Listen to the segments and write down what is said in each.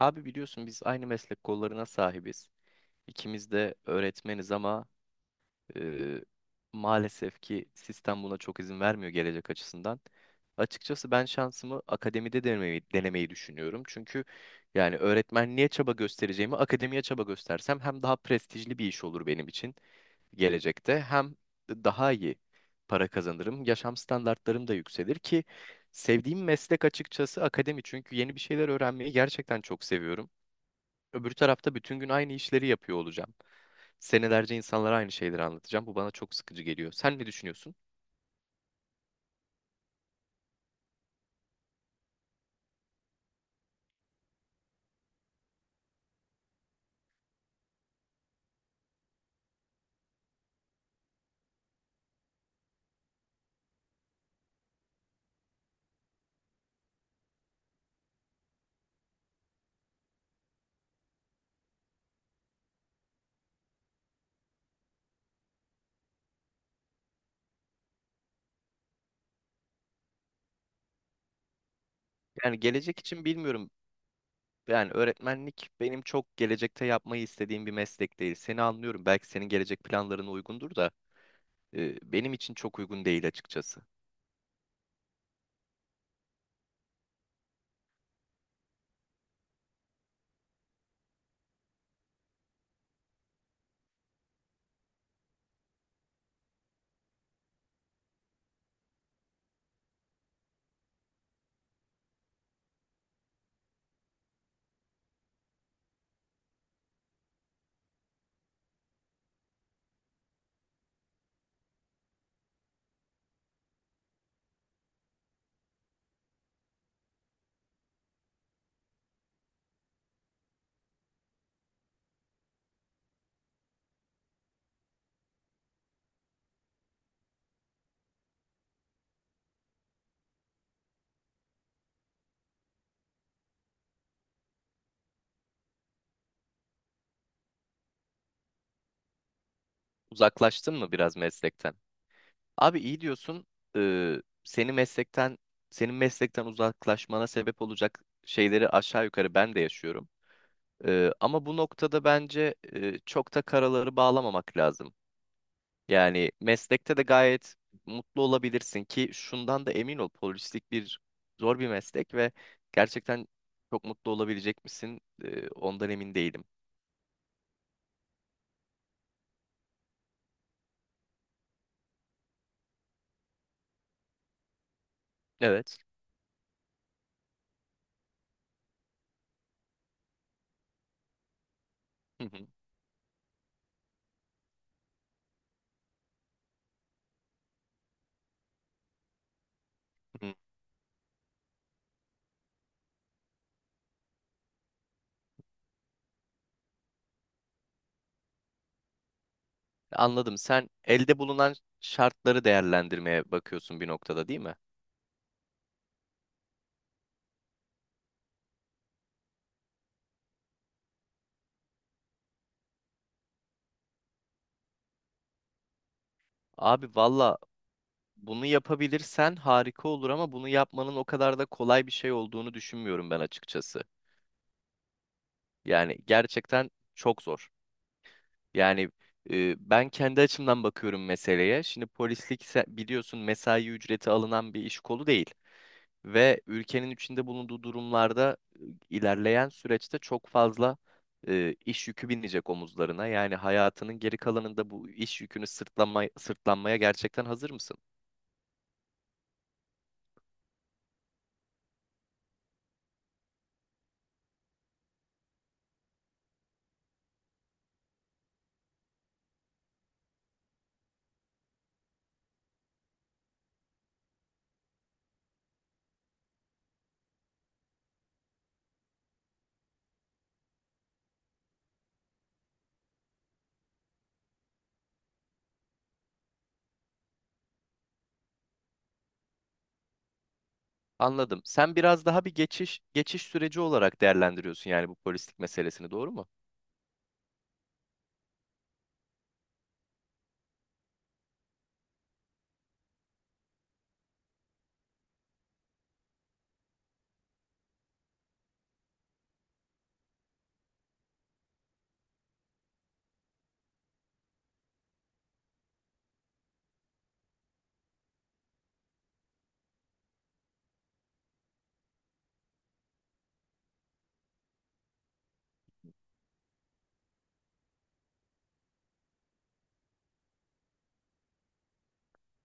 Abi biliyorsun biz aynı meslek kollarına sahibiz. İkimiz de öğretmeniz ama e, maalesef ki sistem buna çok izin vermiyor gelecek açısından. Açıkçası ben şansımı akademide denemeyi düşünüyorum. Çünkü yani öğretmenliğe çaba göstereceğimi akademiye çaba göstersem hem daha prestijli bir iş olur benim için gelecekte hem daha iyi para kazanırım. Yaşam standartlarım da yükselir ki sevdiğim meslek açıkçası akademi. Çünkü yeni bir şeyler öğrenmeyi gerçekten çok seviyorum. Öbür tarafta bütün gün aynı işleri yapıyor olacağım. Senelerce insanlara aynı şeyleri anlatacağım. Bu bana çok sıkıcı geliyor. Sen ne düşünüyorsun? Yani gelecek için bilmiyorum. Yani öğretmenlik benim çok gelecekte yapmayı istediğim bir meslek değil. Seni anlıyorum. Belki senin gelecek planlarına uygundur da benim için çok uygun değil açıkçası. Uzaklaştın mı biraz meslekten? Abi iyi diyorsun. E, seni meslekten senin meslekten uzaklaşmana sebep olacak şeyleri aşağı yukarı ben de yaşıyorum. Ama bu noktada bence çok da karaları bağlamamak lazım. Yani meslekte de gayet mutlu olabilirsin ki şundan da emin ol polislik bir zor bir meslek ve gerçekten çok mutlu olabilecek misin? Ondan emin değilim. Evet. Hı hı, hı hı. Anladım. Sen elde bulunan şartları değerlendirmeye bakıyorsun bir noktada değil mi? Abi valla bunu yapabilirsen harika olur ama bunu yapmanın o kadar da kolay bir şey olduğunu düşünmüyorum ben açıkçası. Yani gerçekten çok zor. Yani ben kendi açımdan bakıyorum meseleye. Şimdi biliyorsun mesai ücreti alınan bir iş kolu değil. Ve ülkenin içinde bulunduğu durumlarda ilerleyen süreçte çok fazla iş yükü binecek omuzlarına. Yani hayatının geri kalanında bu iş yükünü sırtlanmaya gerçekten hazır mısın? Anladım. Sen biraz daha bir geçiş süreci olarak değerlendiriyorsun yani bu polislik meselesini, doğru mu?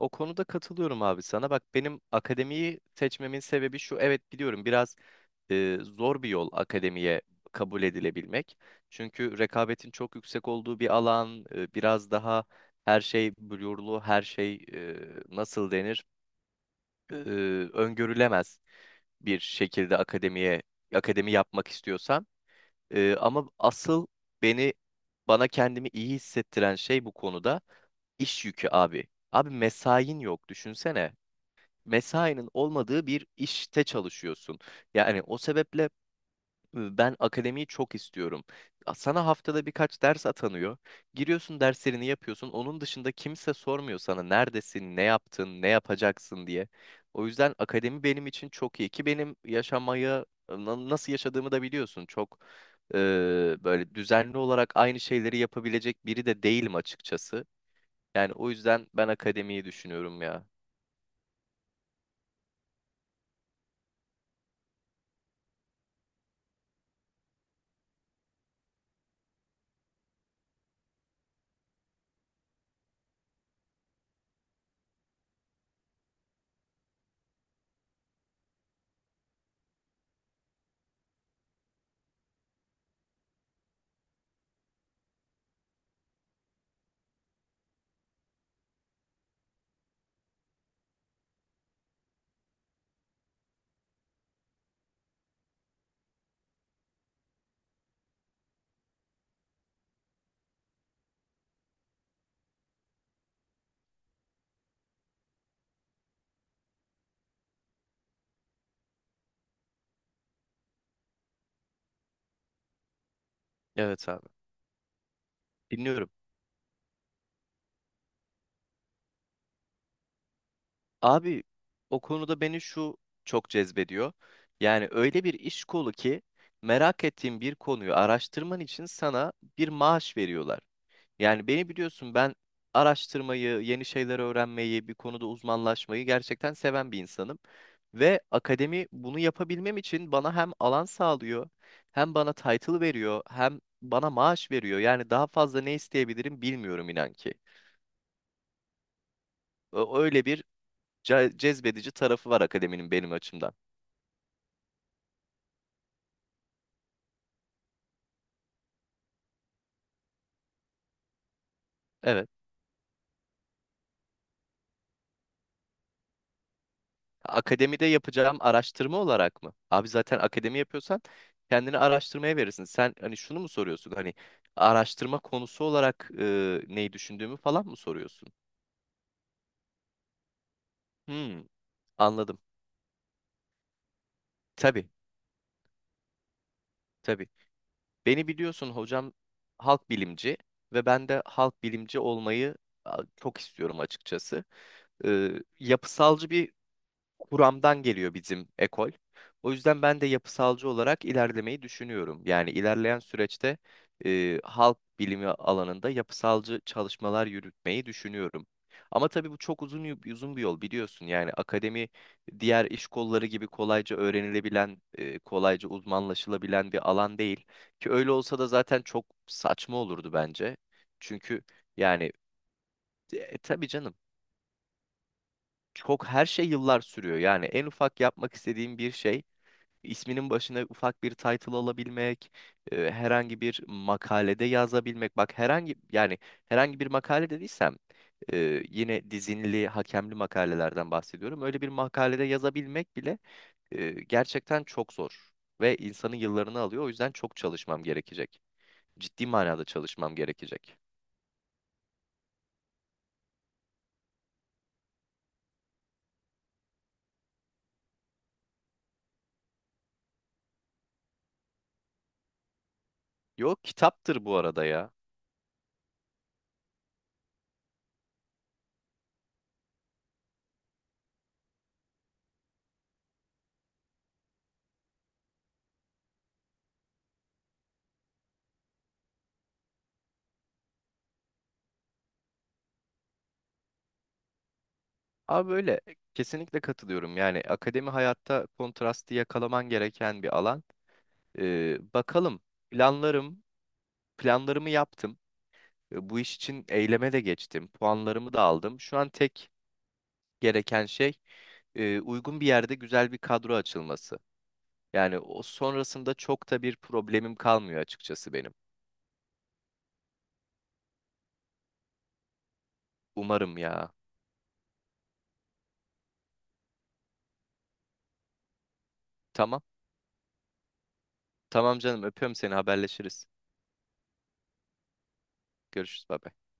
O konuda katılıyorum abi sana. Bak benim akademiyi seçmemin sebebi şu. Evet biliyorum biraz zor bir yol akademiye kabul edilebilmek. Çünkü rekabetin çok yüksek olduğu bir alan, biraz daha her şey blurlu, her şey nasıl denir, e, öngörülemez bir şekilde akademi yapmak istiyorsan. Ama asıl beni bana kendimi iyi hissettiren şey bu konuda iş yükü abi. Abi mesain yok düşünsene mesainin olmadığı bir işte çalışıyorsun. Yani o sebeple ben akademiyi çok istiyorum. Sana haftada birkaç ders atanıyor. Giriyorsun derslerini yapıyorsun. Onun dışında kimse sormuyor sana neredesin, ne yaptın, ne yapacaksın diye. O yüzden akademi benim için çok iyi ki benim yaşamayı nasıl yaşadığımı da biliyorsun. Çok e, böyle düzenli olarak aynı şeyleri yapabilecek biri de değilim açıkçası. Yani o yüzden ben akademiyi düşünüyorum ya. Evet abi. Dinliyorum. Abi o konuda beni şu çok cezbediyor. Yani öyle bir iş kolu ki merak ettiğin bir konuyu araştırman için sana bir maaş veriyorlar. Yani beni biliyorsun ben araştırmayı, yeni şeyler öğrenmeyi, bir konuda uzmanlaşmayı gerçekten seven bir insanım. Ve akademi bunu yapabilmem için bana hem alan sağlıyor, hem bana title veriyor, hem bana maaş veriyor. Yani daha fazla ne isteyebilirim bilmiyorum inan ki. Öyle bir cezbedici tarafı var akademinin benim açımdan. Evet. Akademide yapacağım araştırma olarak mı? Abi zaten akademi yapıyorsan kendini araştırmaya verirsin. Sen hani şunu mu soruyorsun? Hani araştırma konusu olarak neyi düşündüğümü falan mı soruyorsun? Hmm, anladım. Tabii, tabii. Beni biliyorsun hocam halk bilimci ve ben de halk bilimci olmayı çok istiyorum açıkçası. E, yapısalcı bir kuramdan geliyor bizim ekol. O yüzden ben de yapısalcı olarak ilerlemeyi düşünüyorum. Yani ilerleyen süreçte halk bilimi alanında yapısalcı çalışmalar yürütmeyi düşünüyorum. Ama tabii bu çok uzun bir yol biliyorsun. Yani akademi diğer iş kolları gibi kolayca öğrenilebilen, kolayca uzmanlaşılabilen bir alan değil. Ki öyle olsa da zaten çok saçma olurdu bence. Çünkü yani tabii canım çok her şey yıllar sürüyor. Yani en ufak yapmak istediğim bir şey isminin başına ufak bir title alabilmek, herhangi bir makalede yazabilmek. Bak herhangi yani herhangi bir makale dediysem yine dizinli, hakemli makalelerden bahsediyorum. Öyle bir makalede yazabilmek bile gerçekten çok zor ve insanın yıllarını alıyor. O yüzden çok çalışmam gerekecek. Ciddi manada çalışmam gerekecek. Yok kitaptır bu arada ya. Abi böyle kesinlikle katılıyorum. Yani akademi hayatta kontrastı yakalaman gereken bir alan. Bakalım planlarım planlarımı yaptım. Bu iş için eyleme de geçtim. Puanlarımı da aldım. Şu an tek gereken şey uygun bir yerde güzel bir kadro açılması. Yani o sonrasında çok da bir problemim kalmıyor açıkçası benim. Umarım ya. Tamam. Tamam canım öpüyorum seni haberleşiriz. Görüşürüz. Bye bye.